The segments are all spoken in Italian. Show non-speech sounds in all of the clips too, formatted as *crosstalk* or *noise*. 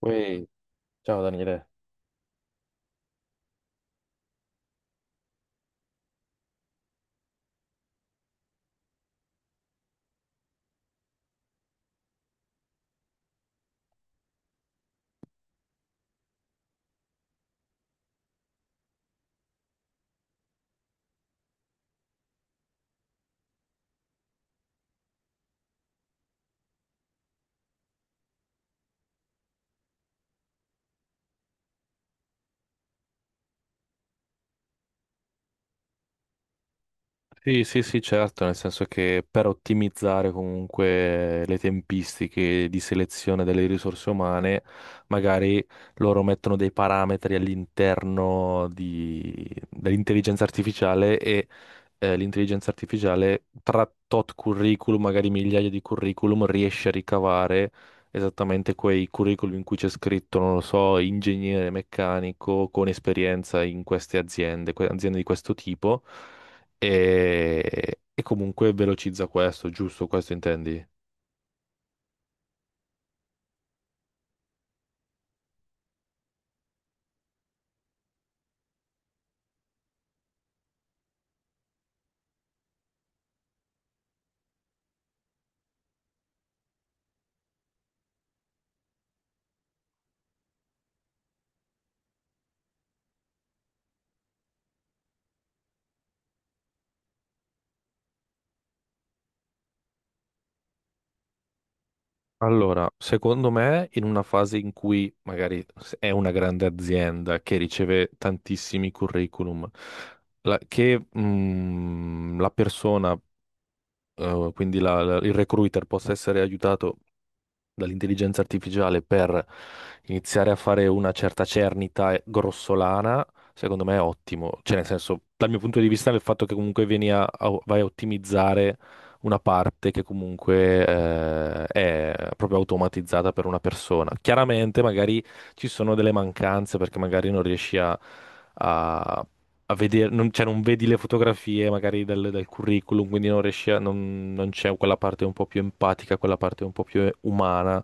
Ui, ciao Daniele. Sì, sì, sì, certo, nel senso che per ottimizzare comunque le tempistiche di selezione delle risorse umane, magari loro mettono dei parametri all'interno dell'intelligenza artificiale e l'intelligenza artificiale tra tot curriculum, magari migliaia di curriculum, riesce a ricavare esattamente quei curriculum in cui c'è scritto, non lo so, ingegnere meccanico con esperienza in queste aziende, aziende di questo tipo e comunque velocizza questo, giusto? Questo intendi? Allora, secondo me, in una fase in cui magari è una grande azienda che riceve tantissimi curriculum, che la persona, quindi il recruiter possa essere aiutato dall'intelligenza artificiale per iniziare a fare una certa cernita grossolana, secondo me è ottimo. Cioè, nel senso, dal mio punto di vista, il fatto che comunque vieni vai a ottimizzare una parte che comunque è proprio automatizzata per una persona. Chiaramente magari ci sono delle mancanze perché magari non riesci a a vedere, non, cioè non vedi le fotografie magari del curriculum, quindi non riesci a, non, non c'è quella parte un po' più empatica, quella parte un po' più umana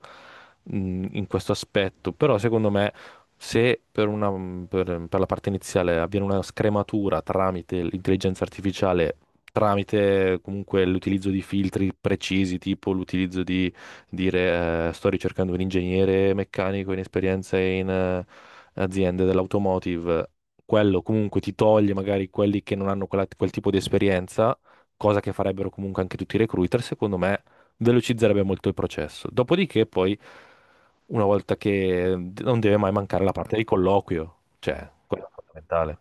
in questo aspetto. Però secondo me, se per la parte iniziale avviene una scrematura tramite l'intelligenza artificiale, tramite comunque l'utilizzo di filtri precisi, tipo l'utilizzo di dire sto ricercando un ingegnere meccanico in esperienza in aziende dell'automotive, quello comunque ti toglie magari quelli che non hanno quel tipo di esperienza, cosa che farebbero comunque anche tutti i recruiter. Secondo me velocizzerebbe molto il processo. Dopodiché poi, una volta che, non deve mai mancare la parte di colloquio, cioè, quello è fondamentale.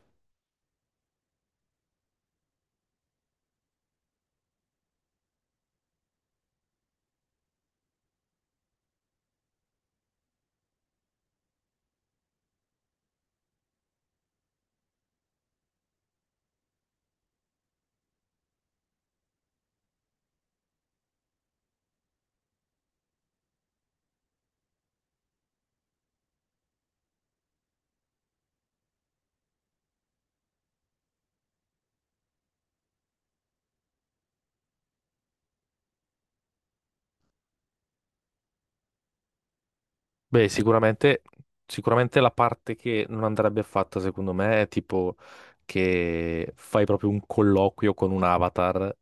Beh, sicuramente la parte che non andrebbe fatta, secondo me, è tipo che fai proprio un colloquio con un avatar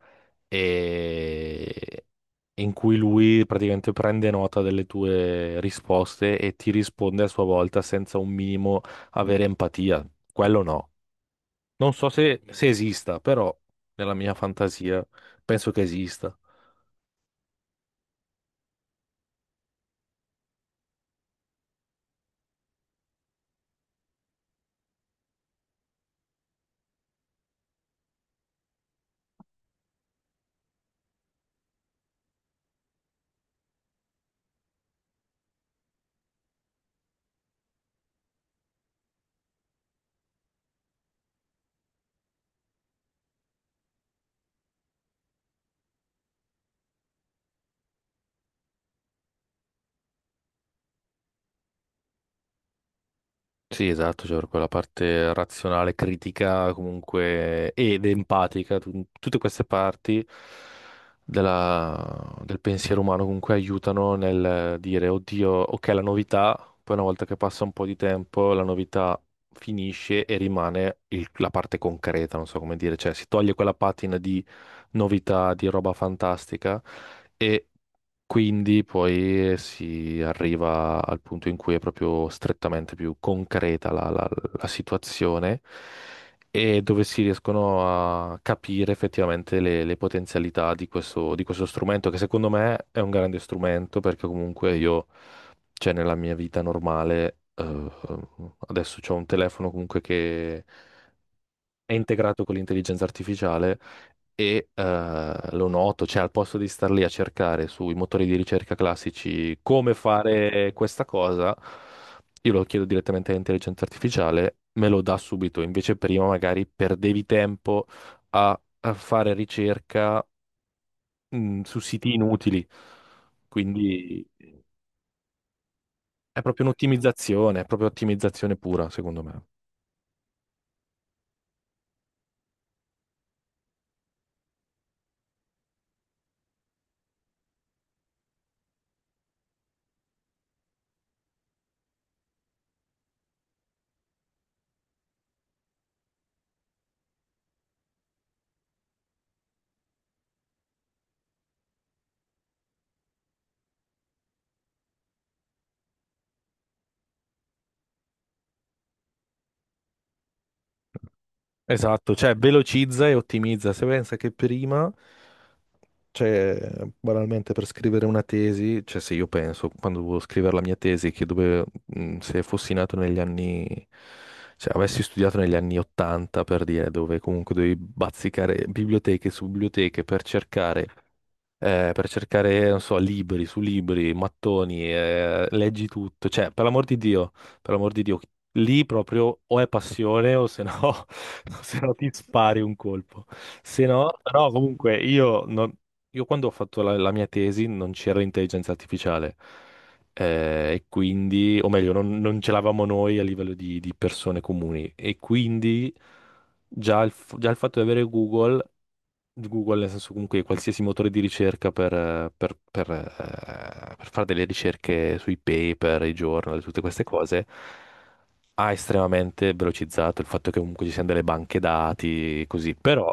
e in cui lui praticamente prende nota delle tue risposte e ti risponde a sua volta senza un minimo avere empatia. Quello no. Non so se esista, però nella mia fantasia penso che esista. Sì, esatto, cioè per quella parte razionale, critica comunque ed empatica, tutte queste parti del pensiero umano comunque aiutano nel dire, oddio, ok, la novità, poi una volta che passa un po' di tempo, la novità finisce e rimane la parte concreta, non so come dire, cioè si toglie quella patina di novità, di roba fantastica. Quindi poi si arriva al punto in cui è proprio strettamente più concreta la situazione, e dove si riescono a capire effettivamente le potenzialità di questo strumento, che secondo me è un grande strumento, perché comunque io, cioè nella mia vita normale, adesso ho un telefono comunque che è integrato con l'intelligenza artificiale e lo noto. Cioè al posto di star lì a cercare sui motori di ricerca classici come fare questa cosa, io lo chiedo direttamente all'intelligenza artificiale, me lo dà subito, invece prima magari perdevi tempo a fare ricerca su siti inutili. Quindi è proprio un'ottimizzazione, è proprio ottimizzazione pura, secondo me. Esatto, cioè velocizza e ottimizza. Se pensa che prima. Cioè, banalmente per scrivere una tesi, cioè se io penso, quando dovevo scrivere la mia tesi, che dove, se fossi nato negli anni, cioè avessi studiato negli anni 80 per dire, dove comunque dovevi bazzicare biblioteche su biblioteche per cercare, non so, libri su libri, mattoni, leggi tutto. Cioè, per l'amor di Dio, per l'amor di Dio, lì proprio o è passione o se no, *laughs* o se no ti spari un colpo. Se no, però comunque io, io quando ho fatto la mia tesi non c'era intelligenza artificiale. E quindi, o meglio, non ce l'avamo noi a livello di persone comuni. E quindi già già il fatto di avere Google, nel senso comunque qualsiasi motore di ricerca per, per fare delle ricerche sui paper, i journal, tutte queste cose, ha estremamente velocizzato il fatto che comunque ci siano delle banche dati, così. Però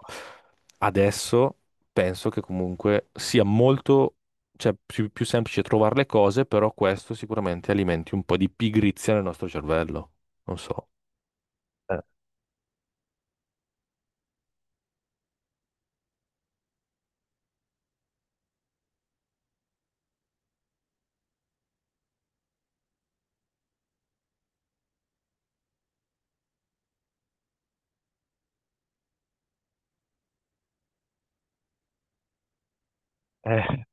adesso penso che comunque sia molto, cioè più semplice trovare le cose, però questo sicuramente alimenti un po' di pigrizia nel nostro cervello. Non so. Eh.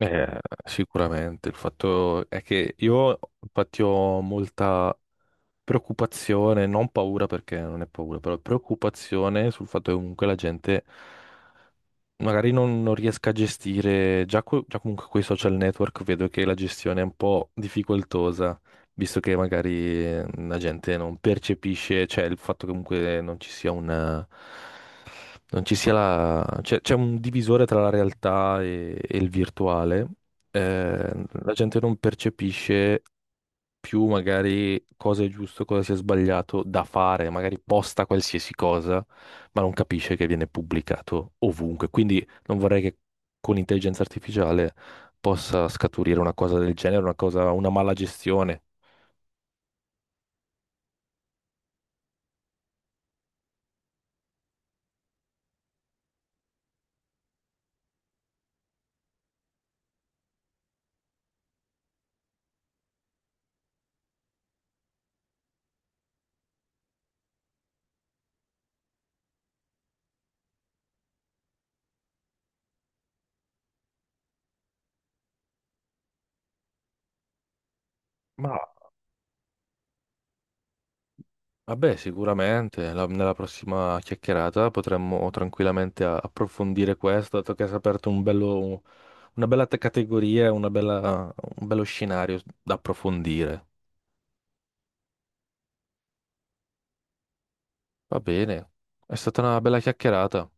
Eh, Sicuramente, il fatto è che io infatti ho molta preoccupazione, non paura perché non è paura, però preoccupazione sul fatto che comunque la gente magari non riesca a gestire. Già, già comunque con i social network vedo che la gestione è un po' difficoltosa, visto che magari la gente non percepisce, cioè il fatto che comunque non ci sia un, non ci sia la, c'è un divisore tra la realtà e il virtuale. La gente non percepisce più magari cosa è giusto, cosa si è sbagliato da fare, magari posta qualsiasi cosa, ma non capisce che viene pubblicato ovunque. Quindi non vorrei che con l'intelligenza artificiale possa scaturire una cosa del genere, una cosa, una mala gestione. Ma vabbè, sicuramente, nella prossima chiacchierata potremmo tranquillamente approfondire questo, dato che hai aperto un bello, categoria, un bello scenario da approfondire. Va bene, è stata una bella chiacchierata.